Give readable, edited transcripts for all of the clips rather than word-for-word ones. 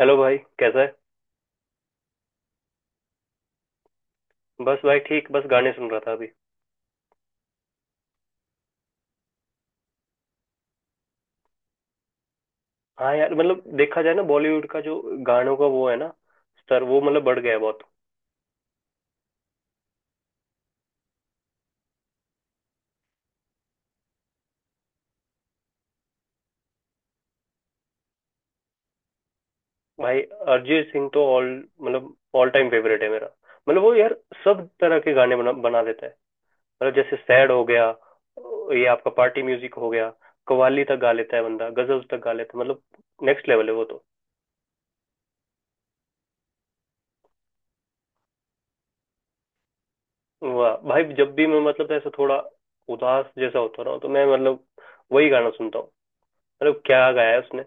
Hello भाई, कैसा है। बस भाई ठीक, बस गाने सुन रहा था अभी। हाँ यार, मतलब देखा जाए ना बॉलीवुड का जो गानों का वो है ना, स्तर वो मतलब बढ़ गया है बहुत। भाई अरिजीत सिंह तो ऑल टाइम फेवरेट है मेरा। मतलब वो यार सब तरह के गाने बना बना देता है। मतलब जैसे सैड हो गया, ये आपका पार्टी म्यूजिक हो गया, कव्वाली तक गा लेता है बंदा, गजल तक गा लेता है, मतलब नेक्स्ट लेवल है वो तो। वाह भाई, जब भी मैं मतलब ऐसा थोड़ा उदास जैसा होता रहा हूँ तो मैं मतलब वही गाना सुनता हूँ। मतलब क्या गाया है उसने।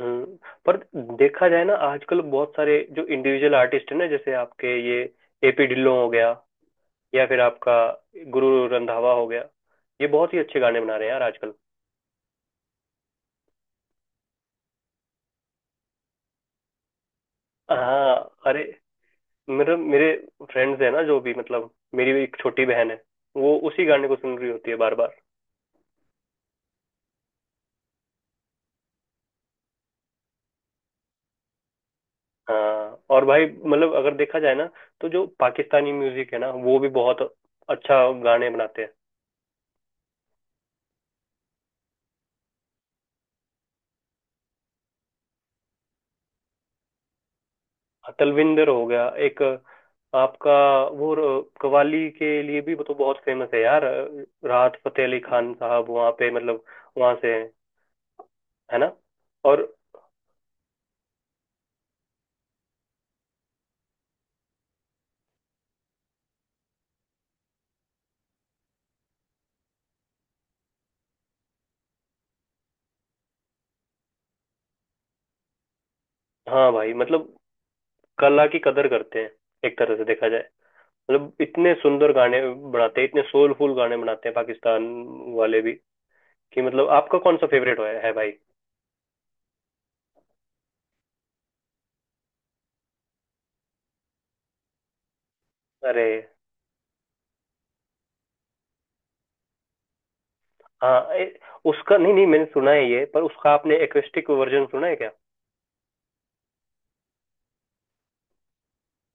हम्म। पर देखा जाए ना, आजकल बहुत सारे जो इंडिविजुअल आर्टिस्ट है ना, जैसे आपके ये एपी ढिल्लों हो गया, या फिर आपका गुरु रंधावा हो गया, ये बहुत ही अच्छे गाने बना रहे हैं यार आजकल। हाँ। अरे मेरे मेरे फ्रेंड्स है ना जो भी, मतलब मेरी भी एक छोटी बहन है, वो उसी गाने को सुन रही होती है बार बार। हाँ और भाई, मतलब अगर देखा जाए ना तो जो पाकिस्तानी म्यूजिक है ना, वो भी बहुत अच्छा गाने बनाते हैं। तलविंदर हो गया एक, आपका कव्वाली के लिए भी वो तो बहुत फेमस है यार, राहत फतेह अली खान साहब वहाँ पे, मतलब वहाँ से हैं, है ना। और हाँ भाई, मतलब कला की कदर करते हैं एक तरह से देखा जाए, मतलब इतने सुंदर गाने बनाते हैं, इतने सोलफुल गाने बनाते हैं पाकिस्तान वाले भी, कि मतलब आपका कौन सा फेवरेट है भाई। अरे हाँ, उसका, नहीं नहीं, मैंने सुना है ये, पर उसका आपने एक्वेस्टिक वर्जन सुना है क्या।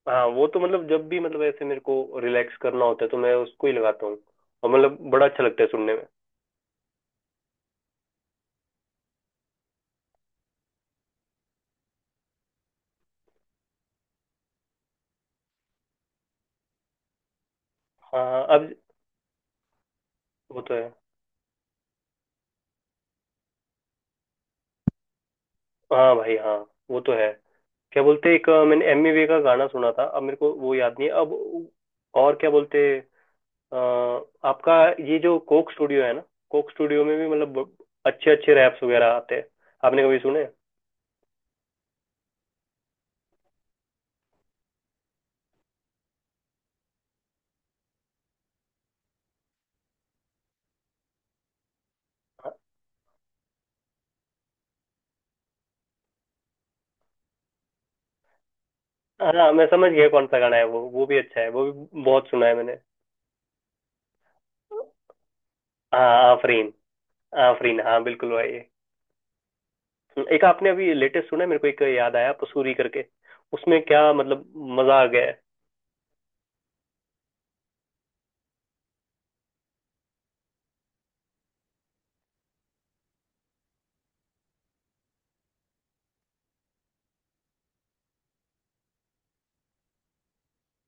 हाँ वो तो मतलब जब भी मतलब ऐसे मेरे को रिलैक्स करना होता है तो मैं उसको ही लगाता हूँ, और मतलब बड़ा अच्छा लगता है सुनने में। हाँ हाँ, अब वो तो है। हाँ भाई, हाँ, वो तो है। क्या बोलते हैं, एक मैंने एमी वे का गाना सुना था, अब मेरे को वो याद नहीं है अब। और क्या बोलते हैं, अ, आपका ये जो कोक स्टूडियो है ना, कोक स्टूडियो में भी मतलब अच्छे अच्छे रैप्स वगैरह आते हैं, आपने कभी सुने। हाँ मैं समझ गया कौन सा गाना है वो भी अच्छा है, वो भी बहुत सुना है मैंने। हाँ आफरीन। आफरीन हाँ, बिल्कुल भाई। एक आपने अभी लेटेस्ट सुना है, मेरे को एक याद आया पसूरी करके, उसमें क्या मतलब मजा आ गया है।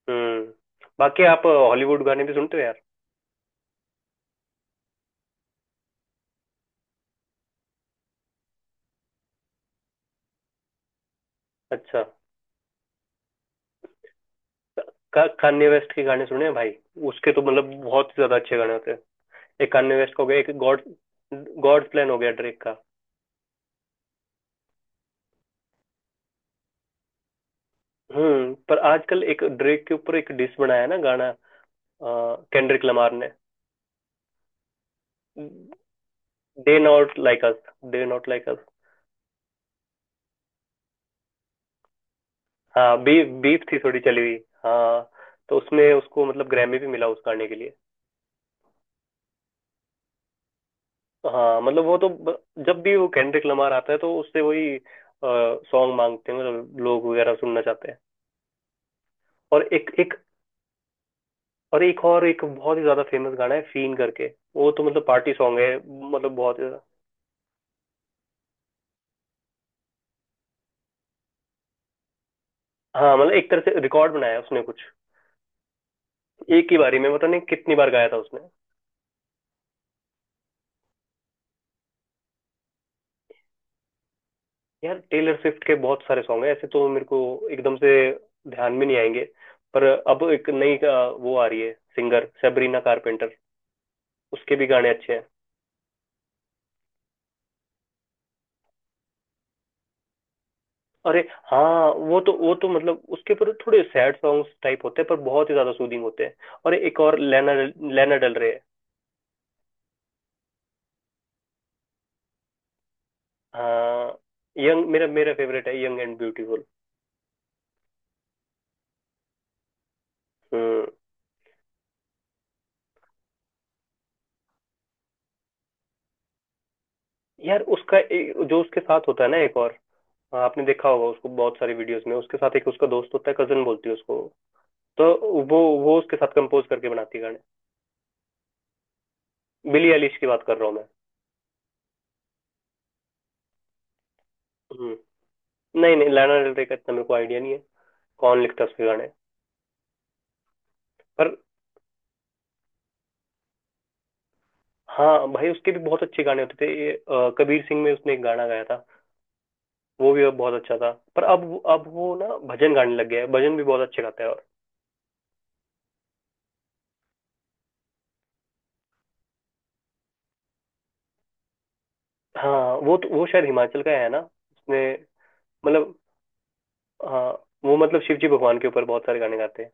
हम्म। बाकी आप हॉलीवुड गाने भी सुनते हो यार। अच्छा। कान्ये वेस्ट के गाने सुने हैं भाई, उसके तो मतलब बहुत ही ज्यादा अच्छे गाने होते हैं। एक कान्ये वेस्ट का हो गया, एक गॉड गॉड प्लान हो गया ड्रेक का। हम्म। पर आजकल एक ड्रेक के ऊपर एक डिस बनाया है ना गाना, केंड्रिक लमार ने। They not like us, they not like us. हाँ, बीफ बीफ थी थोड़ी चली हुई। हाँ, तो उसमें उसको मतलब ग्रैमी भी मिला उस गाने के लिए। हाँ मतलब जब भी वो केंड्रिक लमार आता है तो उससे वही सॉन्ग मांगते हैं, मतलब लोग वगैरह सुनना चाहते हैं। और एक एक और एक और एक बहुत ही ज्यादा फेमस गाना है, फीन करके। वो तो मतलब पार्टी सॉन्ग है। मतलब बहुत ही- ज्यादा- हाँ मतलब एक तरह से रिकॉर्ड बनाया है उसने कुछ, एक ही बारी में पता नहीं कितनी बार गाया था उसने। यार टेलर स्विफ्ट के बहुत सारे सॉन्ग हैं, ऐसे तो मेरे को एकदम से ध्यान में नहीं आएंगे। पर अब एक नई वो आ रही है सिंगर, सेबरीना कारपेंटर, उसके भी गाने अच्छे हैं। अरे हाँ, वो तो मतलब उसके ऊपर थोड़े सैड सॉन्ग्स टाइप होते हैं, पर बहुत ही ज्यादा सूदिंग होते हैं। और एक और लैना, लैना डल रहे। हाँ, यंग, मेरा मेरा फेवरेट है, यंग एंड ब्यूटीफुल। हम्म। यार उसका एक, जो उसके साथ होता है ना एक और, हाँ, आपने देखा होगा उसको बहुत सारी वीडियोस में, उसके साथ एक उसका दोस्त होता है, कजन बोलती है उसको। तो वो वो उसके साथ कंपोज करके बनाती है गाने। बिली एलिश की बात कर रहा हूँ मैं। हम्म। नहीं नहीं, लैना डेल रे का इतना मेरे को आइडिया नहीं है, कौन लिखता है उसके गाने। पर हाँ भाई, उसके भी बहुत अच्छे गाने होते थे ये, कबीर सिंह में उसने एक गाना गाया था, वो भी अब बहुत अच्छा था। पर अब वो ना भजन गाने लग गया है, भजन भी बहुत अच्छे गाता है, और हाँ वो तो वो शायद हिमाचल का है ना उसने। मतलब, हाँ, वो मतलब शिव जी भगवान के ऊपर बहुत सारे गाने गाते हैं।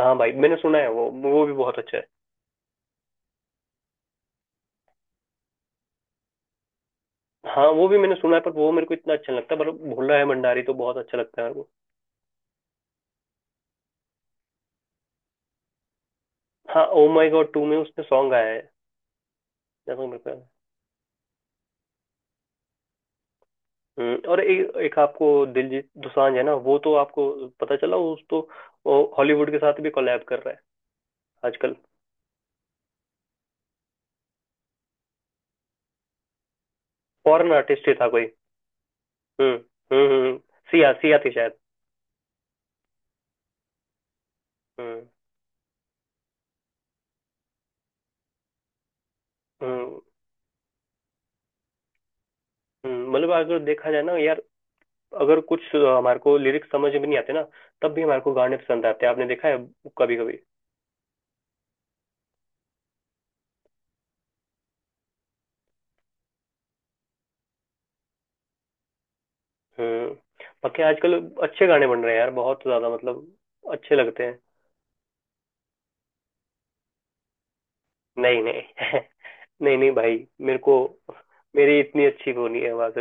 हाँ भाई मैंने सुना है, वो भी बहुत अच्छा है। हाँ वो भी मैंने सुना है, पर वो मेरे को इतना अच्छा नहीं लगता, पर भोला है भंडारी तो बहुत अच्छा लगता है मेरे को। हाँ, ओ माई गॉड 2 में उसने सॉन्ग गाया है। जैसा मेरे को, और एक आपको दिलजीत दोसांझ है ना, वो तो आपको पता चला उस तो वो हॉलीवुड के साथ भी कोलैब कर रहा है आजकल। फॉरेन आर्टिस्ट ही था कोई। हम्म हम्म हम्म, हम्म, सिया, सिया थी शायद। हम्म हम्म हम्म। मतलब अगर देखा जाए ना यार, अगर कुछ हमारे को लिरिक्स समझ में नहीं आते ना, तब भी हमारे को गाने पसंद आते हैं, आपने देखा है कभी कभी। हम्म। बाकी आजकल अच्छे गाने बन रहे हैं यार, बहुत ज्यादा मतलब अच्छे लगते हैं। नहीं नहीं नहीं नहीं भाई, मेरे को मेरी इतनी अच्छी वो नहीं है आवाज।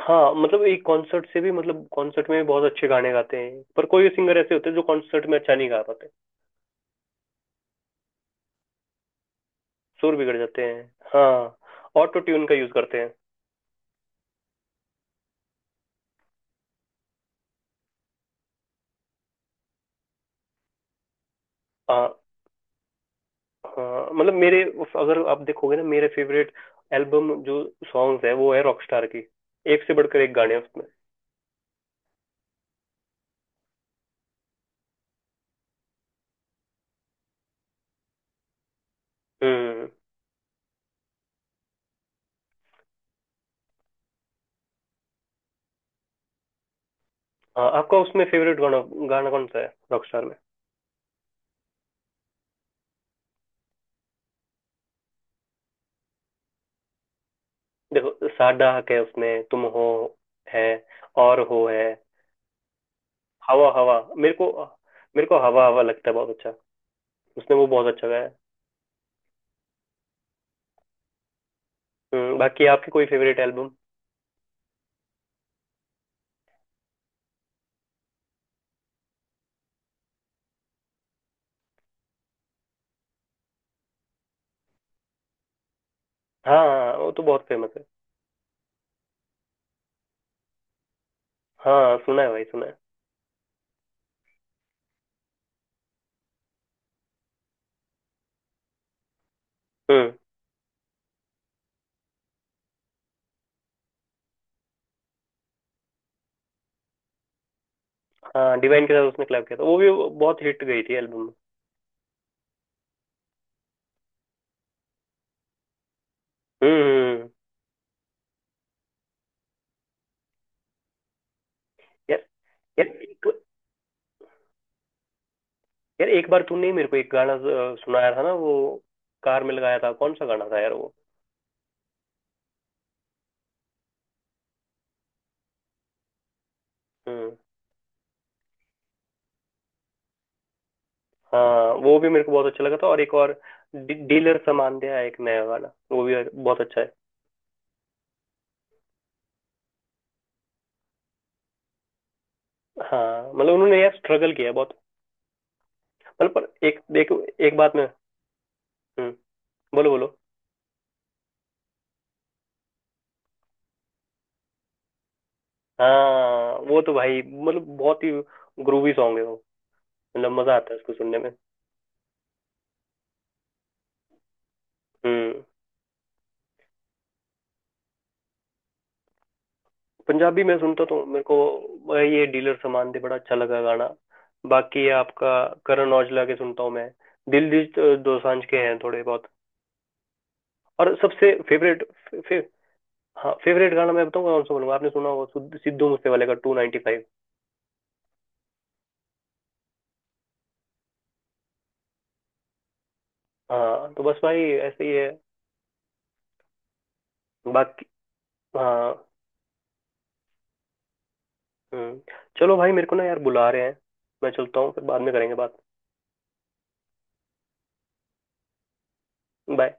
हाँ मतलब एक कॉन्सर्ट से भी, मतलब कॉन्सर्ट में भी बहुत अच्छे गाने गाते हैं, पर कोई सिंगर ऐसे होते हैं जो कॉन्सर्ट में अच्छा नहीं गा पाते, सुर बिगड़ जाते हैं। हाँ, ऑटो ट्यून का यूज करते हैं। हाँ। हाँ मतलब मेरे, अगर आप देखोगे ना, मेरे फेवरेट एल्बम जो सॉन्ग्स है वो है रॉकस्टार की, एक से बढ़कर एक गाने हैं उसमें। हम्म। हाँ आपका उसमें फेवरेट गाना गाना कौन सा है, रॉकस्टार में। देखो साडा हक है उसमें, तुम हो है, और हो है। हवा हवा, मेरे को हवा हवा लगता है बहुत अच्छा, उसने वो बहुत अच्छा गाया है। हम्म। बाकी आपकी कोई फेवरेट एल्बम। हाँ हाँ, वो तो बहुत फेमस है। हाँ सुना है भाई, सुना है। हम्म। हाँ, डिवाइन के साथ उसने collab किया था, वो भी बहुत हिट गई थी एल्बम। हम्म। हम्म, यार, यार एक, यार एक बार तूने ही मेरे को एक गाना सुनाया था ना वो, कार में लगाया था, कौन सा गाना था यार वो। हम्म। हाँ वो भी मेरे को बहुत अच्छा लगा था। और एक और डीलर सामान दिया है, एक नया गाना, वो भी बहुत अच्छा है। हाँ मतलब उन्होंने यार स्ट्रगल किया है बहुत, मतलब पर एक देखो, एक बात में, हम्म, बोलो बोलो। हाँ वो तो भाई मतलब बहुत ही ग्रूवी सॉन्ग है वो, मतलब मजा आता है उसको सुनने में। हम्म। पंजाबी मैं सुनता तो मेरे को ये डीलर सामान दे बड़ा अच्छा लगा गाना, बाकी आपका करण औजला के सुनता हूँ मैं, दिलजीत दोसांझ के हैं थोड़े बहुत, और सबसे फेवरेट फे, फे, हाँ फेवरेट गाना मैं बताऊँ कौन सा बोलूंगा, आपने सुना होगा सिद्धू, सिद्धू मूसे वाले का 295। हाँ तो बस भाई ऐसे ही है। बाकी, हाँ, हम्म, चलो भाई मेरे को ना यार बुला रहे हैं, मैं चलता हूँ, फिर बाद में करेंगे बात। बाय।